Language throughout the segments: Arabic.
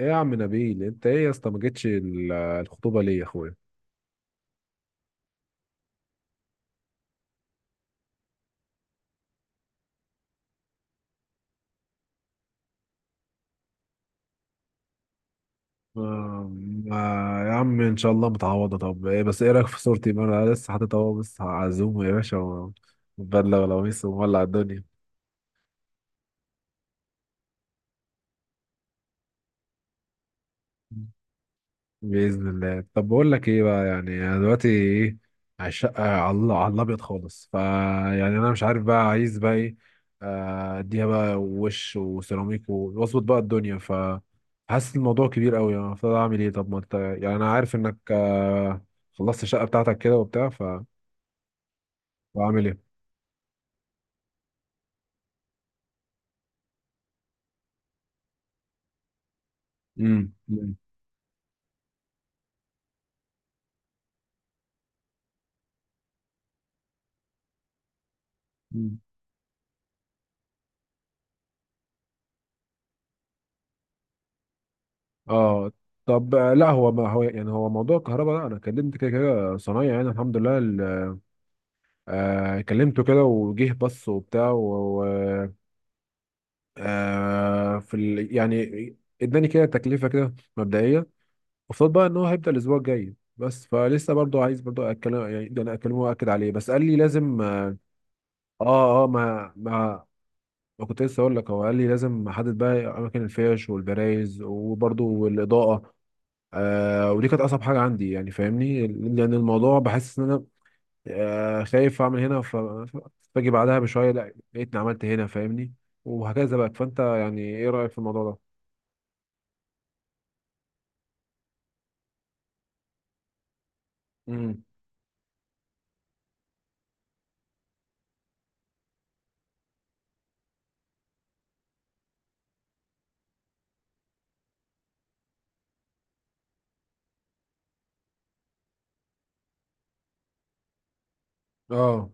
ايه يا عم نبيل؟ انت ايه يا اسطى، ما جيتش الخطوبه ليه يا اخويا؟ آه يا عم ان شاء الله متعوضه. طب ايه، بس ايه رايك في صورتي؟ ما انا لسه حاطط اهو، بس هعزومه يا باشا وبدله ولا قميص ومولع الدنيا؟ بإذن الله. طب بقول لك ايه بقى، يعني انا دلوقتي ايه على الشقة، على على الابيض خالص، فا يعني انا مش عارف بقى، عايز بقى ايه؟ آه، اديها بقى وش وسيراميك واظبط بقى الدنيا، ف حاسس الموضوع كبير قوي، يعني المفروض اعمل ايه؟ طب ما انت، يعني انا عارف انك آه، خلصت الشقة بتاعتك كده وبتاع، ف واعمل ايه؟ امم. أمم. اه طب آه، لا هو، ما هو يعني هو موضوع الكهرباء ده انا كلمت كده كده صنايعي، يعني الحمد لله. آه كلمته كده وجه، بص وبتاع و- آه في يعني اداني كده تكلفه كده مبدئيه قصاد بقى ان هو هيبدا الاسبوع الجاي، بس فلسه برضو عايز برضو اتكلم، يعني ده انا اكلمه واكد عليه، بس قال لي لازم اه. اه آه، ما ما كنت لسه اقول لك، هو قال لي لازم احدد بقى اماكن الفيش والبرايز وبرضو الاضاءه. آه ودي كانت اصعب حاجه عندي، يعني فاهمني، لان الموضوع بحس ان انا آه، خايف اعمل هنا فاجي بعدها بشويه لا لقيتني عملت هنا، فاهمني، وهكذا بقى. فانت يعني ايه رايك في الموضوع ده؟ امم. اه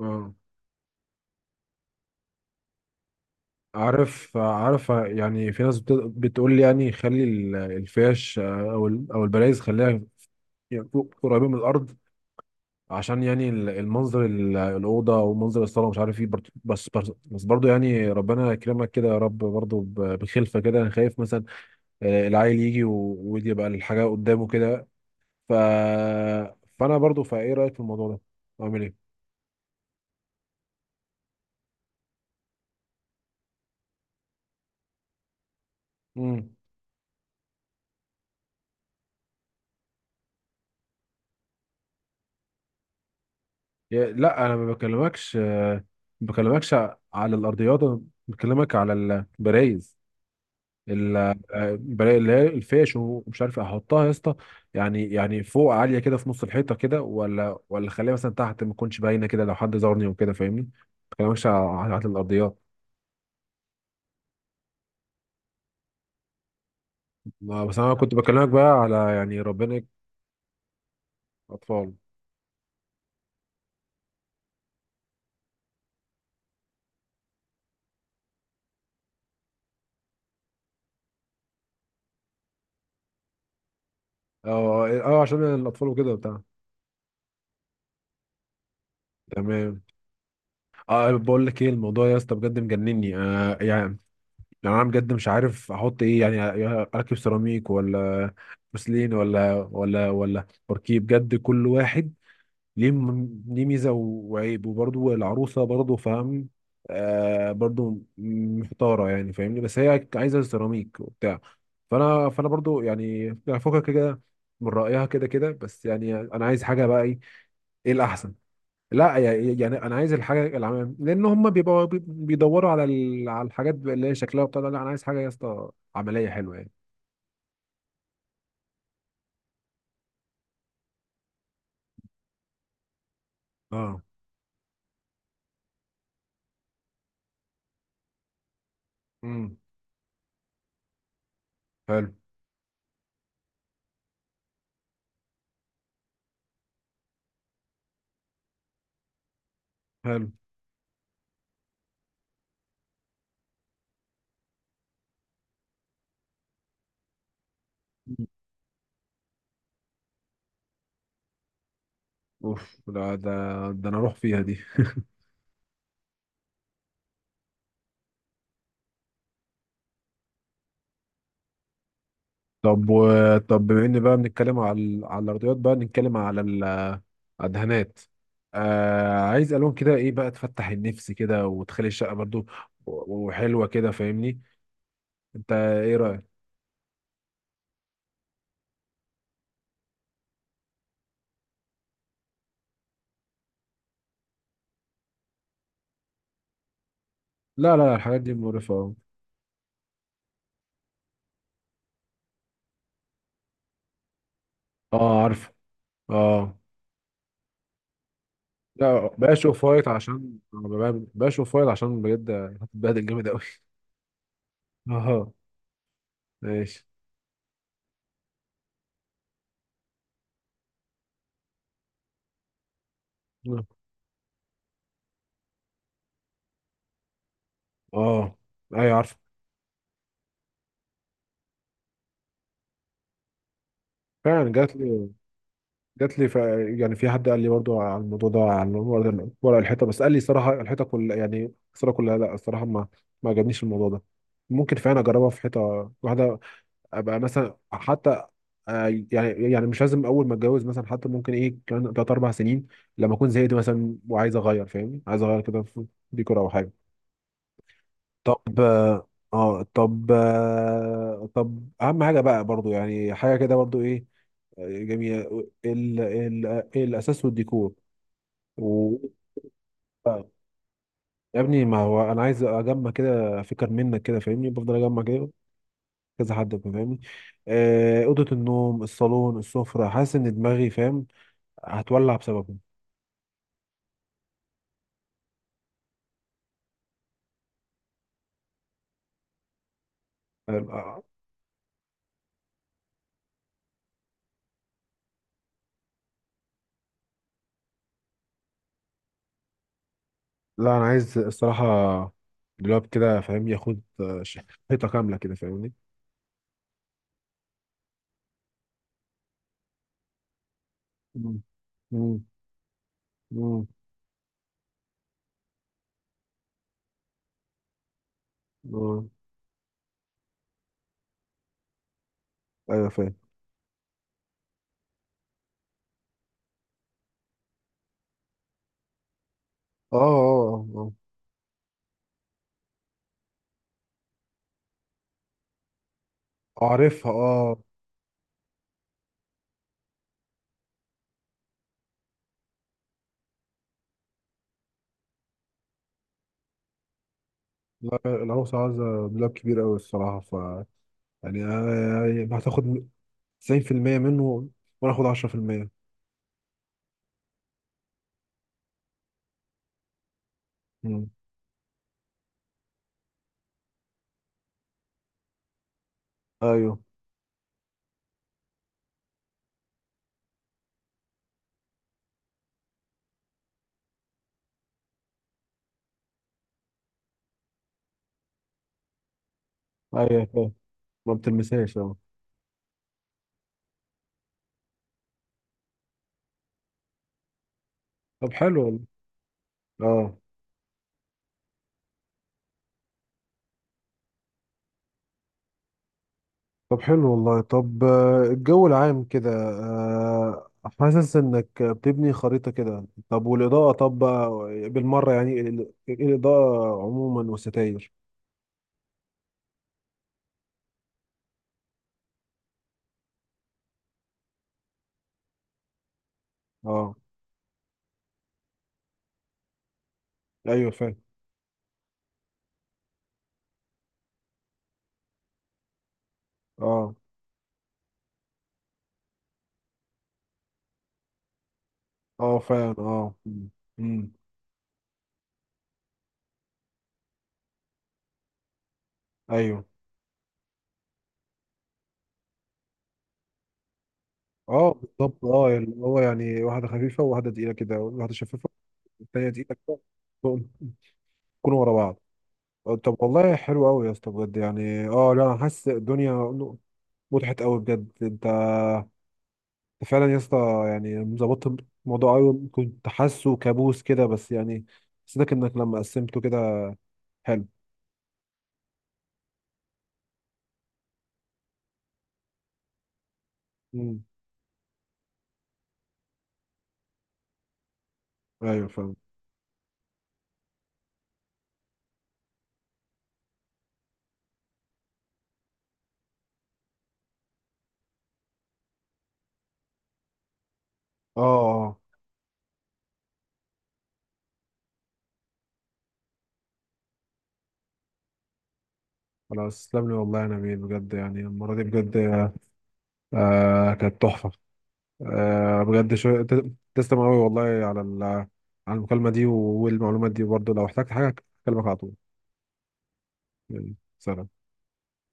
اه، عارف يعني في ناس بتقول لي، يعني خلي الفيش آه، او او البلايز خليها يعني فوق، قريبين من الارض، عشان يعني المنظر، الاوضه ومنظر الصاله ومش عارف ايه برضه، بس برضه يعني ربنا يكرمك كده يا رب، برضه بخلفه كده، انا خايف مثلا آه، العيل يجي ويبقى الحاجه قدامه كده، ف... فانا برضو فايه رايك في الموضوع ده؟ اعمل ايه؟ امم. لا انا ما بكلمكش آه، ما بكلمكش على الارضيات، أنا بكلمك على البرايز، آه، البرايز اللي هي الفيش ومش عارف إيه. احطها يا اسطى يعني، يعني فوق عاليه كده في نص الحيطه كده، ولا خليها مثلا تحت ما تكونش باينه كده لو حد زارني وكده، فاهمني، ما بكلمكش على على الارضيات. ما- بس انا كنت بكلمك بقى على، يعني ربنا يك- اطفال. اه اه، عشان الاطفال وكده بتاع. تمام. اه بقول لك ايه الموضوع يا اسطى، بجد مجنني آه، يعني يعني انا بجد مش عارف احط ايه، يعني اركب سيراميك ولا بوسلين ولا بوركيه؟ بجد كل واحد ليه ليه ميزه وعيب، وبرضه العروسه برضه فاهم آه برضه محتاره، يعني فاهمني، بس هي عايزه سيراميك وبتاع. فانا برضه يعني، يعني فكك كده من رايها كده كده، بس يعني انا عايز حاجه بقى، ايه ايه الاحسن؟ لا يعني، يعني انا عايز الحاجه العمام، لان هم بيبقوا بيدوروا على على الحاجات اللي هي شكلها وبتاع ده. لا انا عايز حاجه يا اسطى عمليه حلوه يعني. اه. امم. حلو. حلو. مم. اوف، لا ده، ده انا اروح فيها دي. طب طب بما ان بقى بنتكلم على على الارضيات، بقى نتكلم على الدهانات. آه عايز الوان كده، ايه بقى تفتح النفس كده وتخلي الشقه برضو وحلوه كده، فاهمني. انت ايه رايك؟ لا لا، الحاجات دي مقرفه. اه عارفه. اه لا بشوف فايت، عشان بشوف فايت عشان بجد هتتبهدل جامد قوي. اه، ماشي. اه ايوه عارفه. فعلا جات لي، جات لي يعني في حد قال لي برضو على الموضوع ده، على ورق، ورق الحيطه، بس قال لي صراحه الحيطه كلها، يعني الصوره كلها لا، الصراحه ما ما عجبنيش الموضوع ده. ممكن فعلا اجربها في حيطه واحده، ابقى مثلا حتى آه، يعني يعني مش لازم اول ما اتجوز مثلا، حتى ممكن ايه كمان ثلاث اربع سنين لما اكون زهقت مثلا وعايز اغير، فاهمني، عايز اغير كده في ديكور او حاجه. طب اه، طب آه، طب اهم حاجه بقى برضو، يعني حاجه كده برضو ايه آه، جميله ال ال الاساس والديكور و يا ابني، ما هو انا عايز اجمع كده فكر منك كده، فاهمني، بفضل اجمع كده كذا حد، فاهمني، آه، اوضه النوم، الصالون، السفره، حاسس ان دماغي فاهم هتولع بسببه. آه، لا انا عايز الصراحه دلوقتي كده، فاهم، ياخد آه، حيطه كامله كده، فاهمني. مم. مم. مم. آه. ايوه فاهم. اه. آه. اعرفها اه. لا العروسة عايزة مبلغ كبير قوي الصراحة، ف يعني أنا- يعني هتاخد 90% منه، وانا اخد 10%. مم. ايوه. ايوه فاهم. ما بتلمسهاش اه. طب حلو والله. اه طب حلو والله. طب آه، الجو العام كده آه، حاسس انك بتبني خريطة كده. طب والإضاءة، طب بقى بالمرة، يعني الإضاءة عموما والستاير. اه. ايوه فاهم. اه اه فعلا اه. مم. مم. ايوه. اه بالظبط، اه يعني اللي هو، يعني واحده خفيفه وواحده تقيله كده، واحده شفافه والتانيه تقيله كده، يكونوا ورا بعض. آه، طب والله حلو قوي يا اسطى بجد يعني. اه لا انا حاسس الدنيا مضحت قوي بجد انت، أنت فعلا يا اسطى يعني ظبطت الموضوع قوي، كنت حاسه كابوس كده، بس يعني حسيتك انك لما قسمته كده حلو. مم. ايوه فاهم. اه اه. خلاص تسلم لي والله يا نبيل، بجد يعني المره دي بجد آه كانت تحفة. آه بجد تسلم قوي والله على على المكالمة دي والمعلومات دي. برضه لو احتجت حاجة أكلمك على طول. يعني سلام.